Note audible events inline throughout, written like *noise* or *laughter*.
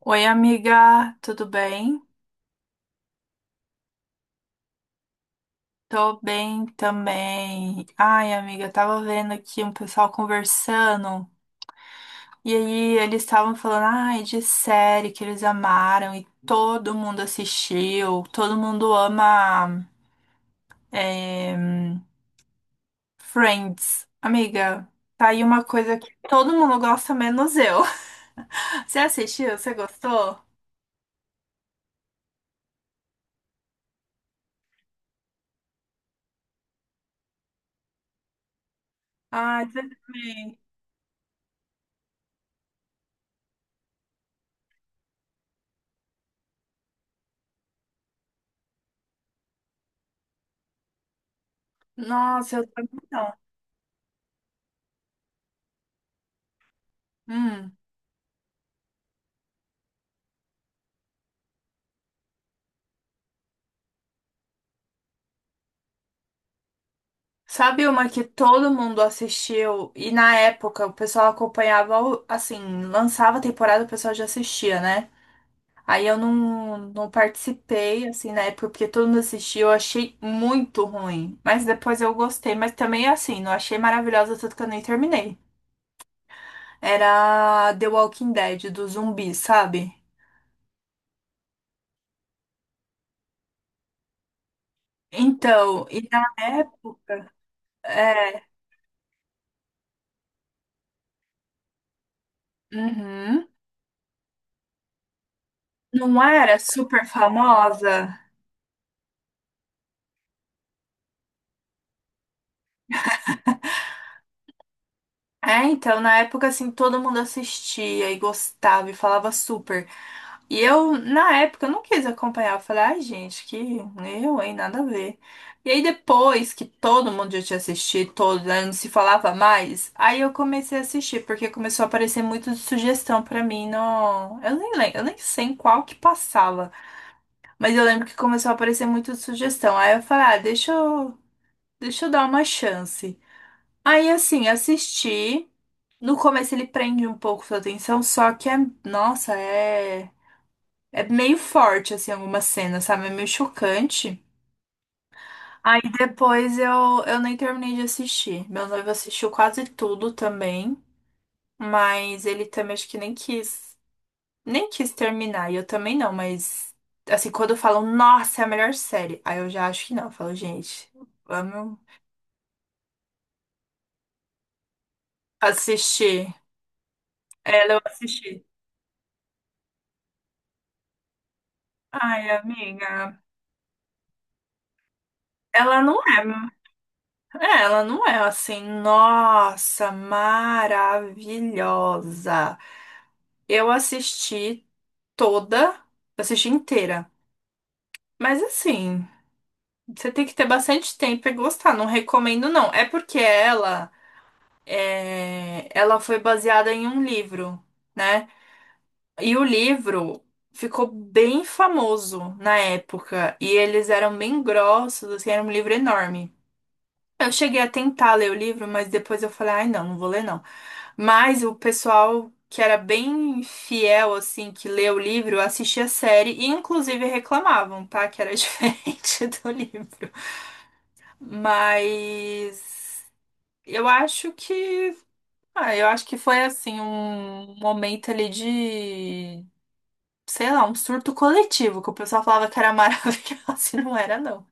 Oi, amiga, tudo bem? Tô bem também. Ai, amiga, tava vendo aqui um pessoal conversando e aí eles estavam falando, ai, de série que eles amaram e todo mundo assistiu, todo mundo ama é, Friends. Amiga, tá aí uma coisa que todo mundo gosta, menos eu. *laughs* Você assistiu? Você gostou? Ai, você também. Nossa, eu também não. Hum. Sabe uma que todo mundo assistiu e na época o pessoal acompanhava, assim, lançava a temporada, o pessoal já assistia, né? Aí eu não participei, assim, na época, porque todo mundo assistiu, eu achei muito ruim. Mas depois eu gostei, mas também, assim, não achei maravilhosa, tanto que eu nem terminei. Era The Walking Dead, do zumbi, sabe? Então, e na época, é, uhum, não era super famosa? É, então, na época, assim, todo mundo assistia e gostava e falava super. E eu, na época, eu não quis acompanhar. Eu falei, ai, gente, que eu, hein, nada a ver. E aí, depois que todo mundo já tinha assistido, todo, né, não se falava mais, aí eu comecei a assistir, porque começou a aparecer muito de sugestão pra mim no... Eu nem lembro, eu nem sei em qual que passava, mas eu lembro que começou a aparecer muito de sugestão. Aí eu falei, ah, deixa eu dar uma chance. Aí, assim, assisti. No começo ele prende um pouco sua atenção, só que é, nossa, é meio forte, assim, algumas cenas, sabe? É meio chocante. Aí depois eu nem terminei de assistir. Meu noivo assistiu quase tudo também, mas ele também acho que nem quis, nem quis terminar, e eu também não, mas assim, quando falam, nossa, é a melhor série, aí eu já acho que não, eu falo, gente, vamos assistir. Ela eu assisti. Ai, amiga, ela não é. É, ela não é assim, nossa, maravilhosa. Eu assisti toda, eu assisti inteira. Mas assim, você tem que ter bastante tempo e gostar, não recomendo não. É porque ela é, ela foi baseada em um livro, né? E o livro ficou bem famoso na época e eles eram bem grossos, assim, era um livro enorme. Eu cheguei a tentar ler o livro, mas depois eu falei, ai, não vou ler não. Mas o pessoal que era bem fiel, assim, que lê o livro, assistia a série e inclusive reclamavam, tá? Que era *laughs* diferente do livro. Mas eu acho que. Ah, eu acho que foi assim, um momento ali de. Sei lá, um surto coletivo, que o pessoal falava que era maravilhoso *laughs* e não era, não.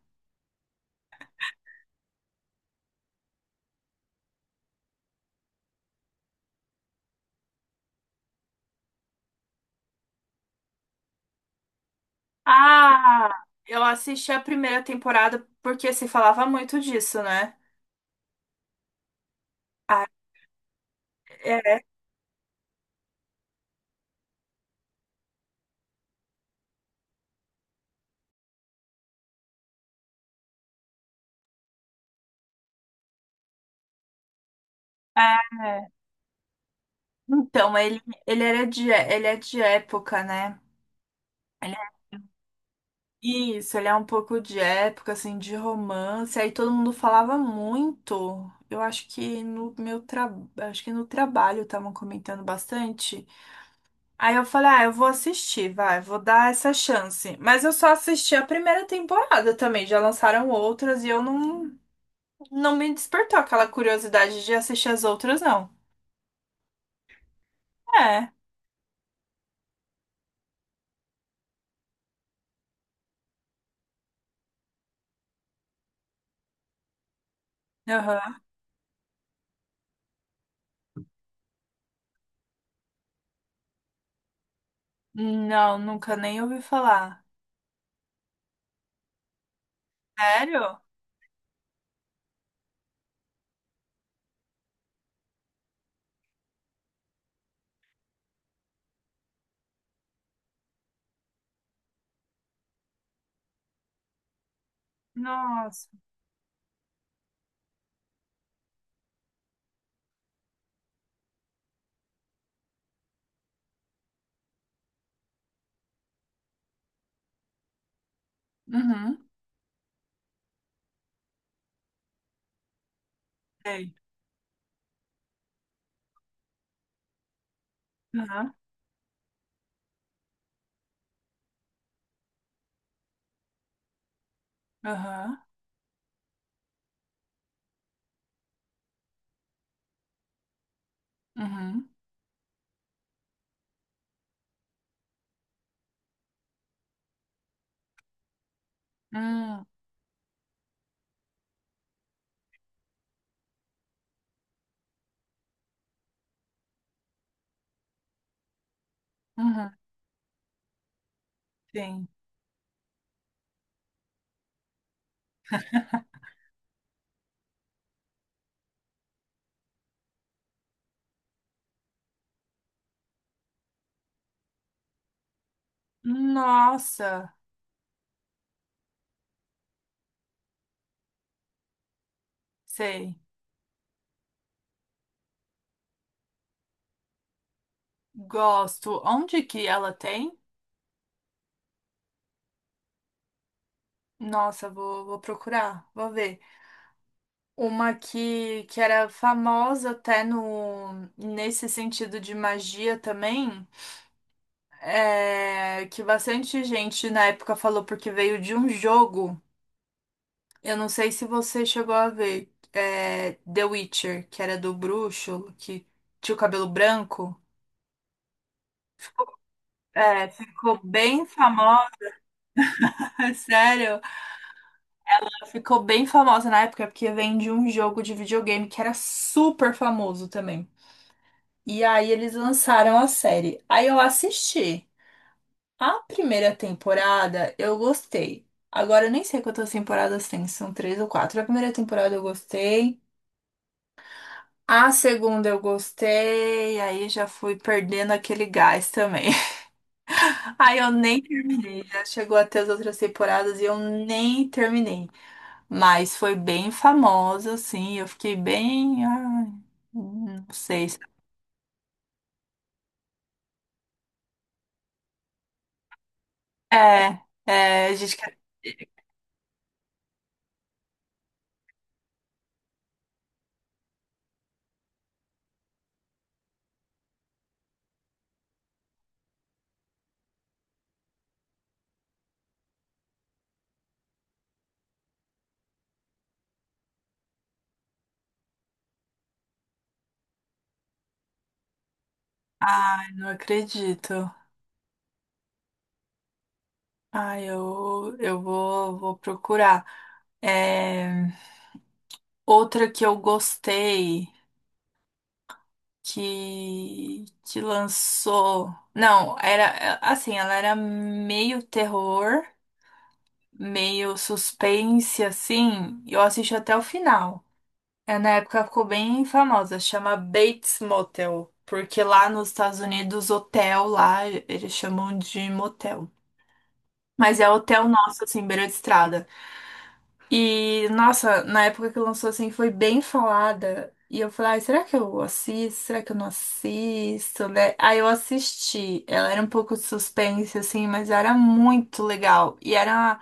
Ah, eu assisti a primeira temporada porque se falava muito disso, né? Ah, é. É, então, ele era de, ele é de época, né? Ele é- Isso, ele é um pouco de época, assim, de romance. Aí todo mundo falava muito. Eu acho que no meu trabalho, acho que no trabalho estavam comentando bastante. Aí eu falei, ah, eu vou assistir, vai, vou dar essa chance. Mas eu só assisti a primeira temporada também. Já lançaram outras e eu não, não me despertou aquela curiosidade de assistir as outras, não. É. Aham. Não, nunca nem ouvi falar. Sério? Nossa. Uhum. Sei. Aham. Aham. Uhum. Hum. Uhum. Sim. Nossa. Sei. Gosto. Onde que ela tem? Nossa, vou procurar, vou ver. Uma que era famosa até no, nesse sentido de magia também. É, que bastante gente na época falou porque veio de um jogo. Eu não sei se você chegou a ver, é, The Witcher, que era do bruxo, que tinha o cabelo branco. É, ficou bem famosa, *laughs* sério. Ficou bem famosa na época porque vem de um jogo de videogame que era super famoso também. E aí eles lançaram a série. Aí eu assisti. A primeira temporada eu gostei. Agora eu nem sei quantas temporadas tem, se são três ou quatro. A primeira temporada eu gostei. A segunda eu gostei, aí já fui perdendo aquele gás também. *laughs* Aí eu nem terminei, já chegou até as outras temporadas e eu nem terminei. Mas foi bem famosa, assim, eu fiquei bem. Ai, não sei. É, é, a gente quer. Ai, não acredito. Ai, eu vou, vou procurar. É, outra que eu gostei que lançou. Não, era é, assim, ela era meio terror, meio suspense, assim. Eu assisti até o final. É, na época ficou bem famosa, chama Bates Motel. Porque lá nos Estados Unidos, hotel lá, eles chamam de motel. Mas é hotel nosso, assim, beira de estrada. E, nossa, na época que lançou, assim, foi bem falada. E eu falei, ai, será que eu assisto? Será que eu não assisto, né? Aí eu assisti. Ela era um pouco de suspense, assim, mas era muito legal. E era...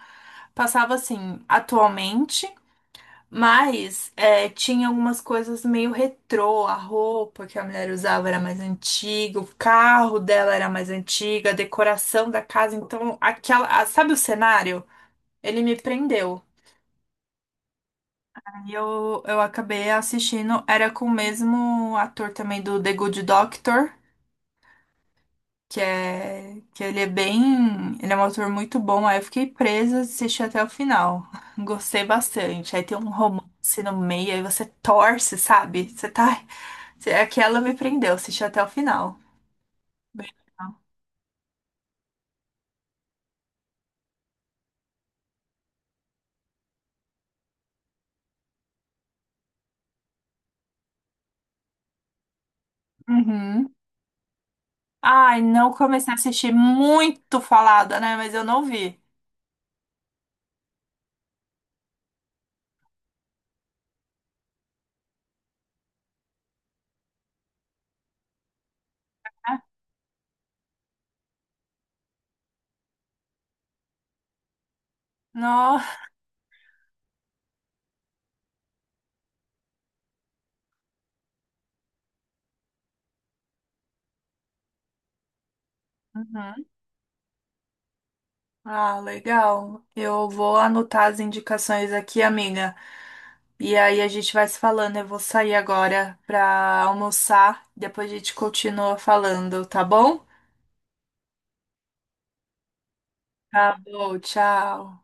Passava, assim, atualmente, mas é, tinha algumas coisas meio retrô. A roupa que a mulher usava era mais antiga, o carro dela era mais antiga, a decoração da casa. Então, aquela... Sabe o cenário? Ele me prendeu. E eu acabei assistindo, era com o mesmo ator também do The Good Doctor, que é que ele é bem, ele é um ator muito bom. Aí eu fiquei presa, assisti até o final. *laughs* Gostei bastante. Aí tem um romance no meio, aí você torce, sabe? Você tá, você- aquela me prendeu, assisti até o final. Bem legal. Uhum. Ai, não comecei a assistir muito falada, né? Mas eu não vi. Né? Não. Uhum. Ah, legal. Eu vou anotar as indicações aqui, amiga. E aí a gente vai se falando. Eu vou sair agora pra almoçar. Depois a gente continua falando, tá bom? Tá bom, tchau.